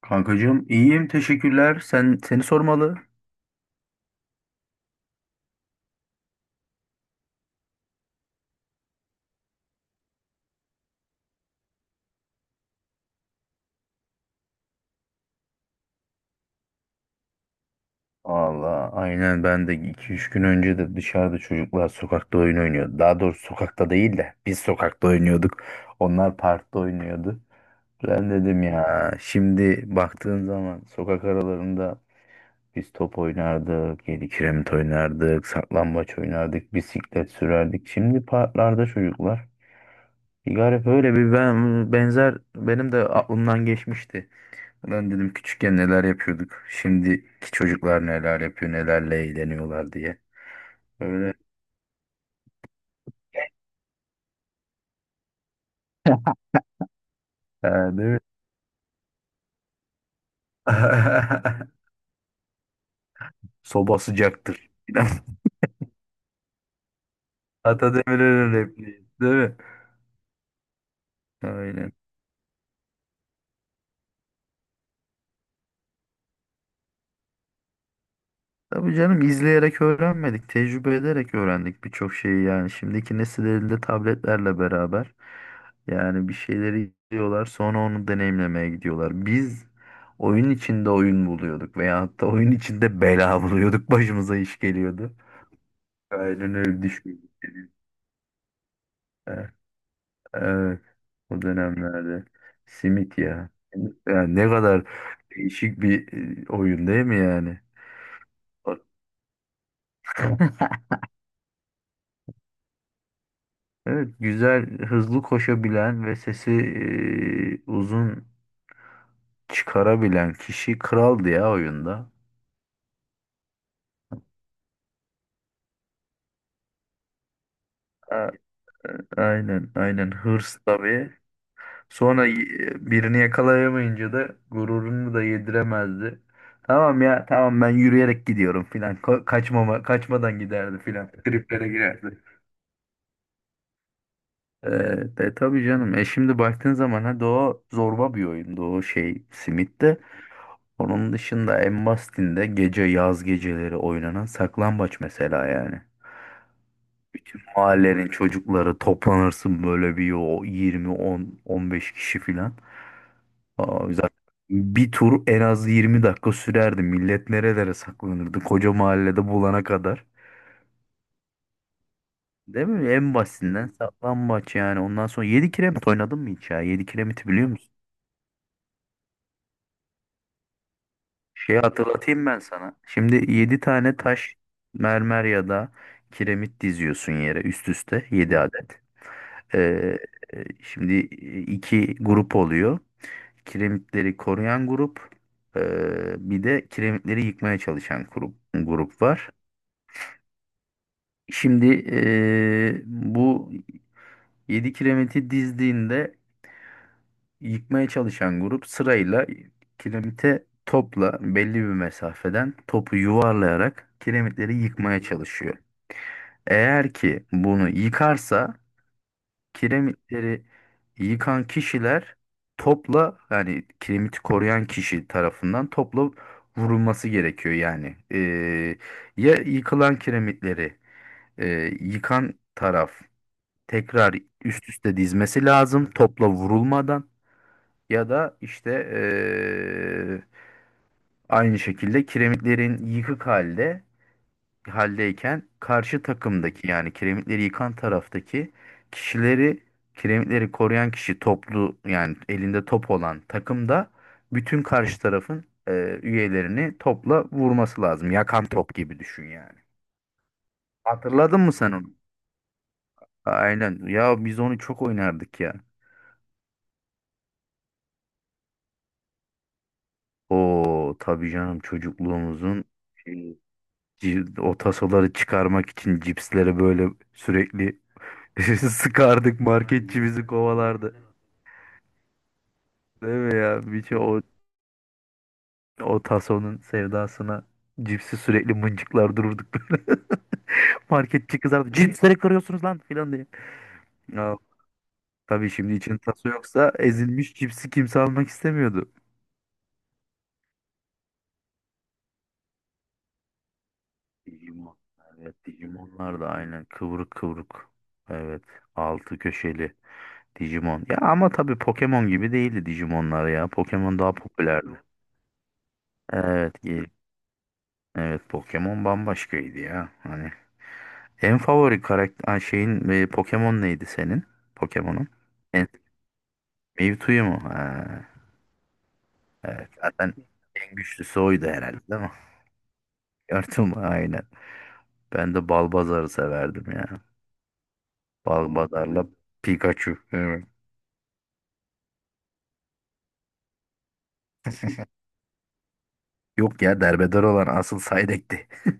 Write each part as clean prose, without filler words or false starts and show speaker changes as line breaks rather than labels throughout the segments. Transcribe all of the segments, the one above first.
Kankacığım iyiyim teşekkürler. Sen seni sormalı. Allah aynen ben de iki üç gün önce de dışarıda çocuklar sokakta oyun oynuyordu. Daha doğrusu sokakta değil de biz sokakta oynuyorduk. Onlar parkta oynuyordu. Ben dedim ya şimdi baktığın zaman sokak aralarında biz top oynardık, yedi kiremit oynardık, saklambaç oynardık, bisiklet sürerdik. Şimdi parklarda çocuklar. Bir garip öyle bir benzer benim de aklımdan geçmişti. Ben dedim küçükken neler yapıyorduk. Şimdiki çocuklar neler yapıyor, nelerle eğleniyorlar diye. Öyle. Ha, değil mi? Soba sıcaktır. Atademir'in repliği, değil mi? Aynen. Tabii canım izleyerek öğrenmedik, tecrübe ederek öğrendik birçok şeyi yani. Şimdiki nesil elinde tabletlerle beraber yani bir şeyleri izliyorlar, sonra onu deneyimlemeye gidiyorlar. Biz oyun içinde oyun buluyorduk veya hatta oyun içinde bela buluyorduk, başımıza iş geliyordu. Aynen öyle düşmüş. Evet, evet. O dönemlerde. Simit ya. Simit ya ne kadar değişik bir oyun değil mi yani? Bak. Evet, güzel, hızlı koşabilen ve sesi uzun çıkarabilen kişi kraldı ya oyunda. A- Aynen, aynen. Hırs tabii. Sonra birini yakalayamayınca da gururunu da yediremezdi. Tamam ya tamam ben yürüyerek gidiyorum filan. Kaçmadan giderdi filan. Triplere girerdi. Ee, tabii canım. E şimdi baktığın zaman ha o zorba bir oyundu o şey Simit de. Onun dışında en basitinde gece yaz geceleri oynanan saklambaç mesela yani. Bütün mahallenin çocukları toplanırsın böyle bir o 20 10 15 kişi filan. Aa, güzel. Bir tur en az 20 dakika sürerdi. Millet nerelere saklanırdı? Koca mahallede bulana kadar. Değil mi? En basitinden saklambaç yani. Ondan sonra 7 kiremit oynadın mı hiç ya? 7 kiremiti biliyor musun? Şey hatırlatayım ben sana. Şimdi 7 tane taş, mermer ya da kiremit diziyorsun yere üst üste 7 adet. Ee, şimdi iki grup oluyor. Kiremitleri koruyan grup, bir de kiremitleri yıkmaya çalışan grup var. Şimdi bu 7 kiremiti dizdiğinde yıkmaya çalışan grup sırayla kiremite topla belli bir mesafeden topu yuvarlayarak kiremitleri yıkmaya çalışıyor. Eğer ki bunu yıkarsa kiremitleri yıkan kişiler topla yani kiremiti koruyan kişi tarafından topla vurulması gerekiyor yani. Ya yıkılan kiremitleri yıkan taraf tekrar üst üste dizmesi lazım topla vurulmadan ya da işte aynı şekilde kiremitlerin yıkık halde haldeyken karşı takımdaki yani kiremitleri yıkan taraftaki kişileri kiremitleri koruyan kişi toplu yani elinde top olan takımda bütün karşı tarafın üyelerini topla vurması lazım. Yakan top gibi düşün yani. Hatırladın mı sen onu? Aynen. Ya biz onu çok oynardık ya. O tabii canım çocukluğumuzun şey, o tasoları çıkarmak için cipsleri böyle sürekli sıkardık marketçi bizi kovalardı. Değil mi ya? O tasonun sevdasına cipsi sürekli mıncıklar dururduk böyle. Marketçi kızardı. Cipsleri kırıyorsunuz lan filan diye. Ya, tabii şimdi için taso yoksa ezilmiş cipsi kimse almak istemiyordu. Digimon. Evet Digimonlar da aynen kıvrık kıvrık. Evet altı köşeli. Digimon. Ya ama tabii Pokemon gibi değildi Digimonlar ya. Pokemon daha popülerdi. Evet, iyi. Evet Pokemon bambaşkaydı ya. Hani en favori karakter ha, şeyin Pokemon neydi senin? Pokemon'un. En, Mewtwo'yu mu? Ha, evet. Zaten en güçlüsü oydu herhalde değil mi? Gördüm aynen. Ben de Balbazar'ı severdim ya. Balbazar'la Pikachu. Evet. Yok ya derbeder olan asıl Psyduck'ti.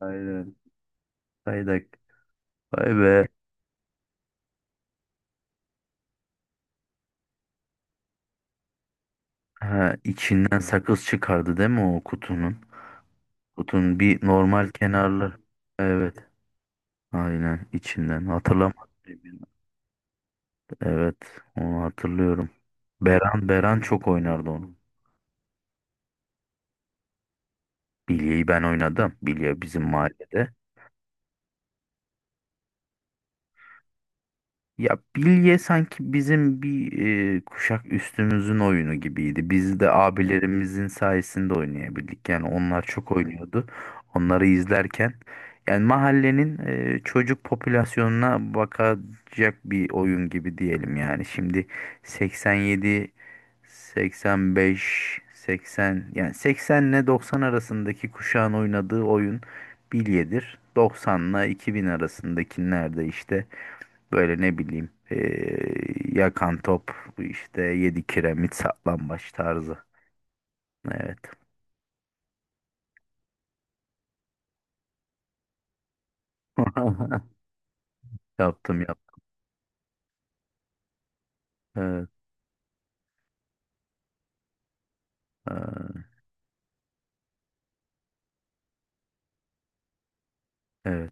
Aynen. Psyduck. Vay be. Ha, içinden sakız çıkardı değil mi o kutunun? Kutunun bir normal kenarlı. Evet. Aynen içinden. Hatırlamadım. Evet. Onu hatırlıyorum. Beran çok oynardı onu. Bilye'yi ben oynadım. Bilye bizim mahallede. Ya bilye sanki bizim bir kuşak üstümüzün oyunu gibiydi. Biz de abilerimizin sayesinde oynayabildik. Yani onlar çok oynuyordu. Onları izlerken yani mahallenin çocuk popülasyonuna bakacak bir oyun gibi diyelim yani. Şimdi 87, 85, 80 yani 80 ile 90 arasındaki kuşağın oynadığı oyun bilyedir. 90 ile 2000 arasındakilerde işte böyle ne bileyim yakan top işte yedi kiremit saklambaç tarzı. Evet. Yaptım yaptım. Evet. Ha, evet.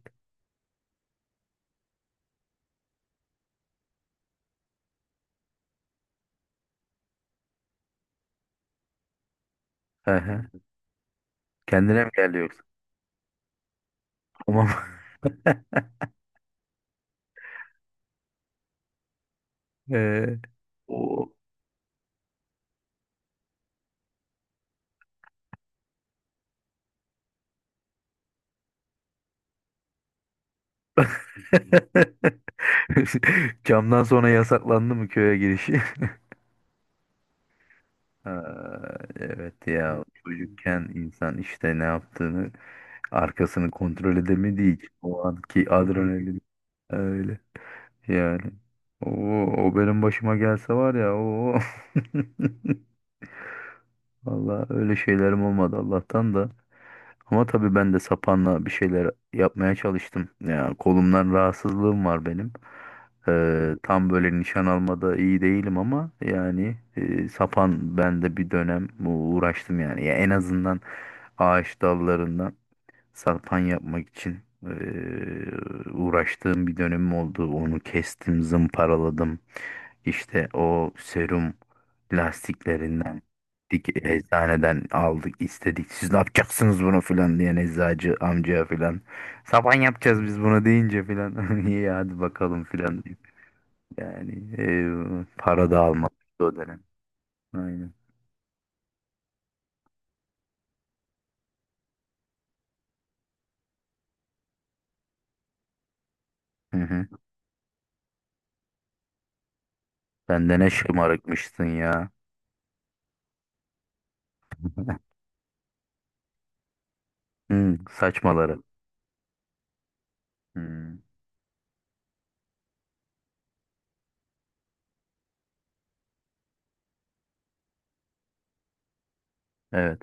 Aha. Kendine mi geldi yoksa? Tamam. Eee, o. Camdan sonra yasaklandı mı köye giriş? Ha, evet ya çocukken insan işte ne yaptığını arkasını kontrol edemediği için o anki adrenalin öyle yani. O, o benim başıma gelse var ya o. Valla öyle şeylerim olmadı Allah'tan da. Ama tabii ben de sapanla bir şeyler yapmaya çalıştım. Ya kolumdan rahatsızlığım var benim. Tam böyle nişan almada iyi değilim ama yani sapan ben de bir dönem uğraştım yani. Ya en azından ağaç dallarından. Salpan yapmak için uğraştığım bir dönemim oldu. Onu kestim, zımparaladım. İşte o serum lastiklerinden dik eczaneden aldık istedik. Siz ne yapacaksınız bunu filan diyen eczacı amcaya filan. Saban yapacağız biz bunu deyince filan. İyi hadi bakalım filan deyip. Yani para da almadık o dönem. Aynen. Hı hı. Sen de ne şımarıkmışsın ya. Hı, saçmaları. Hı, evet.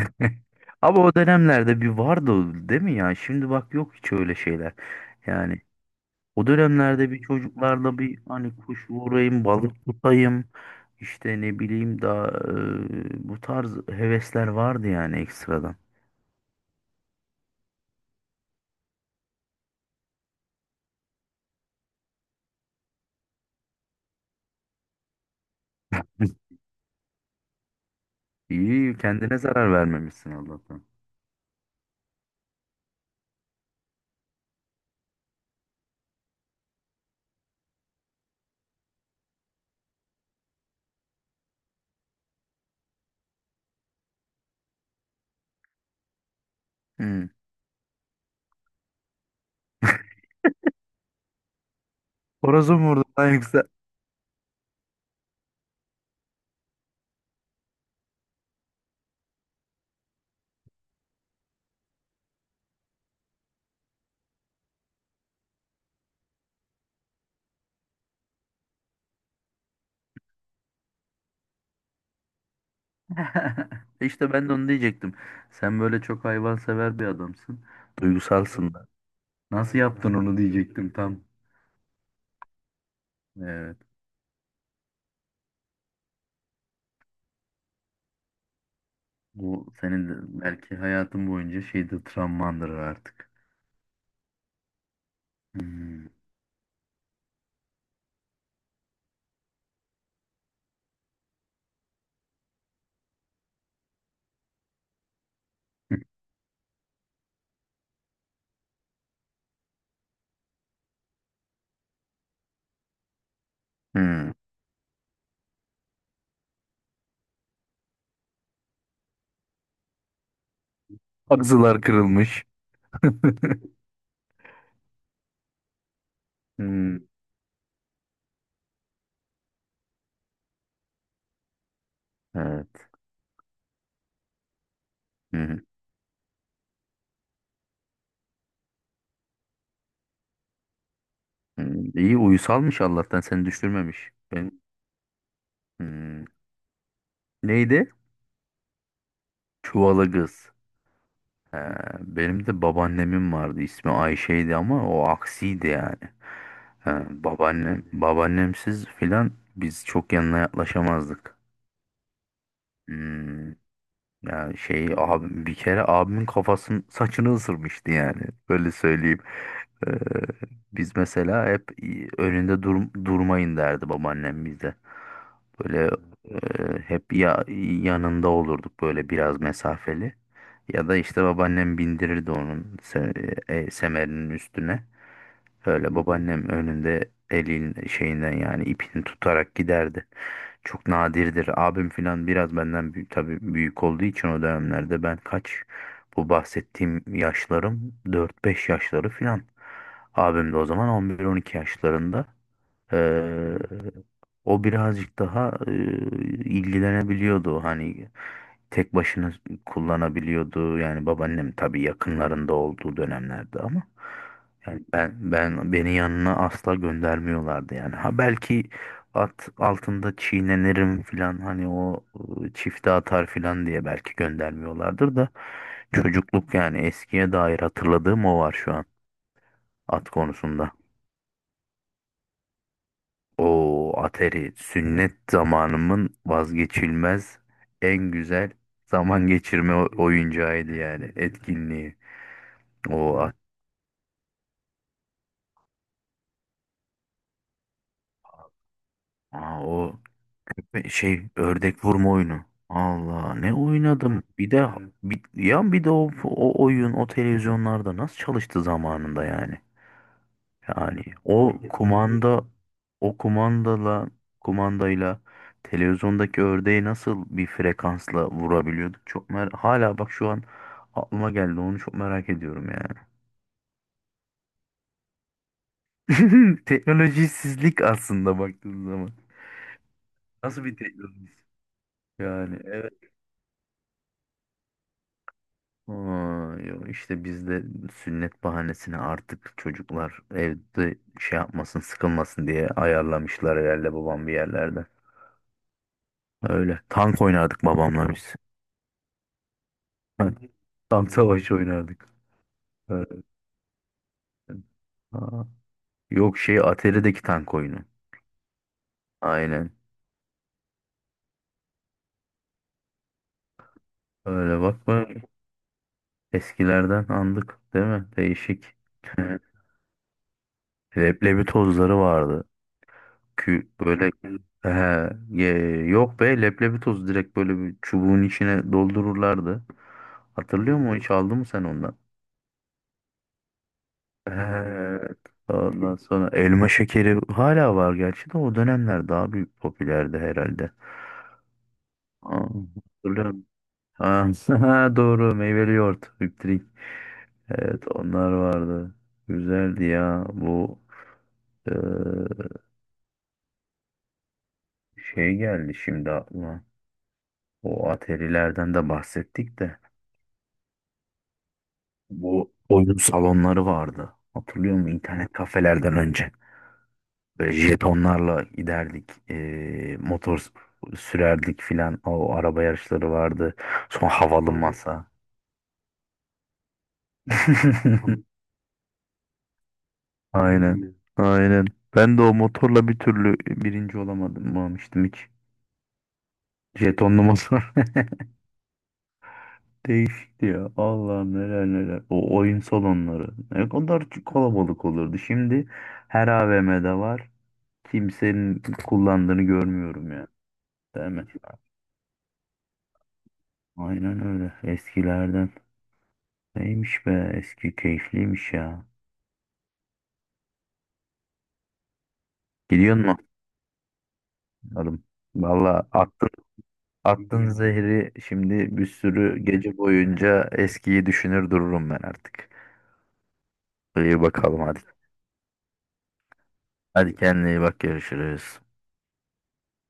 Ama o dönemlerde bir vardı o, değil mi ya? Şimdi bak yok hiç öyle şeyler. Yani o dönemlerde bir çocuklarla bir hani kuş vurayım, balık tutayım, işte ne bileyim daha bu tarz hevesler vardı yani ekstradan. İyi kendine zarar vermemişsin Allah'tan. Hmm. Horozum vurdu lan yoksa. İşte ben de onu diyecektim. Sen böyle çok hayvansever bir adamsın. Duygusalsın da. Nasıl yaptın onu diyecektim tam. Evet. Bu senin de belki hayatın boyunca şeyde travmandır artık. Hmm. Hmm. Ağzılar kırılmış. Hmm. Evet. Hmm. Hmm. İyi uyusalmış Allah'tan seni düşürmemiş. Ben Hmm. Neydi? Çuvalı kız. He, benim de babaannemin vardı. İsmi Ayşe'ydi ama o aksiydi yani. He, babaannem, babaannemsiz filan biz çok yanına yaklaşamazdık. Hmm. Yani şey abim bir kere abimin kafasının saçını ısırmıştı yani. Böyle söyleyeyim. Ee, biz mesela hep önünde durmayın derdi babaannem bize. Böyle hep ya yanında olurduk böyle biraz mesafeli. Ya da işte babaannem bindirirdi onun semerinin üstüne. Öyle babaannem önünde elin şeyinden yani ipini tutarak giderdi. Çok nadirdir. Abim filan biraz benden büyük, tabii büyük olduğu için o dönemlerde ben kaç bu bahsettiğim yaşlarım dört beş yaşları filan. Abim de o zaman 11 12 yaşlarında. Ee, o birazcık daha ilgilenebiliyordu hani tek başına kullanabiliyordu yani babaannem tabii yakınlarında olduğu dönemlerde ama yani beni yanına asla göndermiyorlardı yani ha belki at altında çiğnenirim filan hani o çifte atar filan diye belki göndermiyorlardır da çocukluk yani eskiye dair hatırladığım o var şu an at konusunda. O Atari sünnet zamanımın vazgeçilmez en güzel zaman geçirme oyuncağıydı yani etkinliği. O at- Aa, o şey ördek vurma oyunu. Allah ne oynadım. Bir de ya bir de o oyun o televizyonlarda nasıl çalıştı zamanında yani. Yani o kumanda o kumandala kumandayla televizyondaki ördeği nasıl bir frekansla vurabiliyorduk? Çok hala bak şu an aklıma geldi. Onu çok merak ediyorum yani. Teknolojisizlik aslında baktığın zaman. Nasıl bir teknoloji? Yani evet. Aa, yo, işte bizde sünnet bahanesini artık çocuklar evde şey yapmasın sıkılmasın diye ayarlamışlar herhalde babam bir yerlerde. Öyle. Tank oynardık babamla biz. Tam savaş oynardık. Öğretmen. Aa, yok şey Atari'deki tank oyunu. Aynen. Öyle bakma. Eskilerden andık değil mi? Değişik. Leblebi tozları vardı. Böyle he, yok be leblebi toz direkt böyle bir çubuğun içine doldururlardı. Hatırlıyor musun? Hiç aldın mı sen ondan? Evet. Ondan sonra elma şekeri hala var gerçi de o dönemler daha büyük popülerdi herhalde. Aa, hatırlıyorum. Ha, doğru meyveli yoğurt. Hüptrik. Evet onlar vardı. Güzeldi ya. Bu eee, şey geldi şimdi aklıma. O atarilerden de bahsettik de. Bu oyun salonları vardı. Hatırlıyor musun? İnternet kafelerden önce. Böyle jetonlarla giderdik. Motor sürerdik filan. O araba yarışları vardı. Sonra havalı masa. Aynen. Aynen. Ben de o motorla bir türlü birinci olamadım almıştım hiç. Jetonlu motor. Değişikti ya. Allah'ım neler neler. O oyun salonları. Ne kadar kalabalık olurdu. Şimdi her AVM'de var. Kimsenin kullandığını görmüyorum ya. Değil mi? Aynen öyle. Eskilerden. Neymiş be? Eski keyifliymiş ya. Gidiyor mu? Adam. Valla attın zehri şimdi bir sürü gece boyunca eskiyi düşünür dururum ben artık. İyi bakalım hadi. Hadi kendine iyi bak görüşürüz.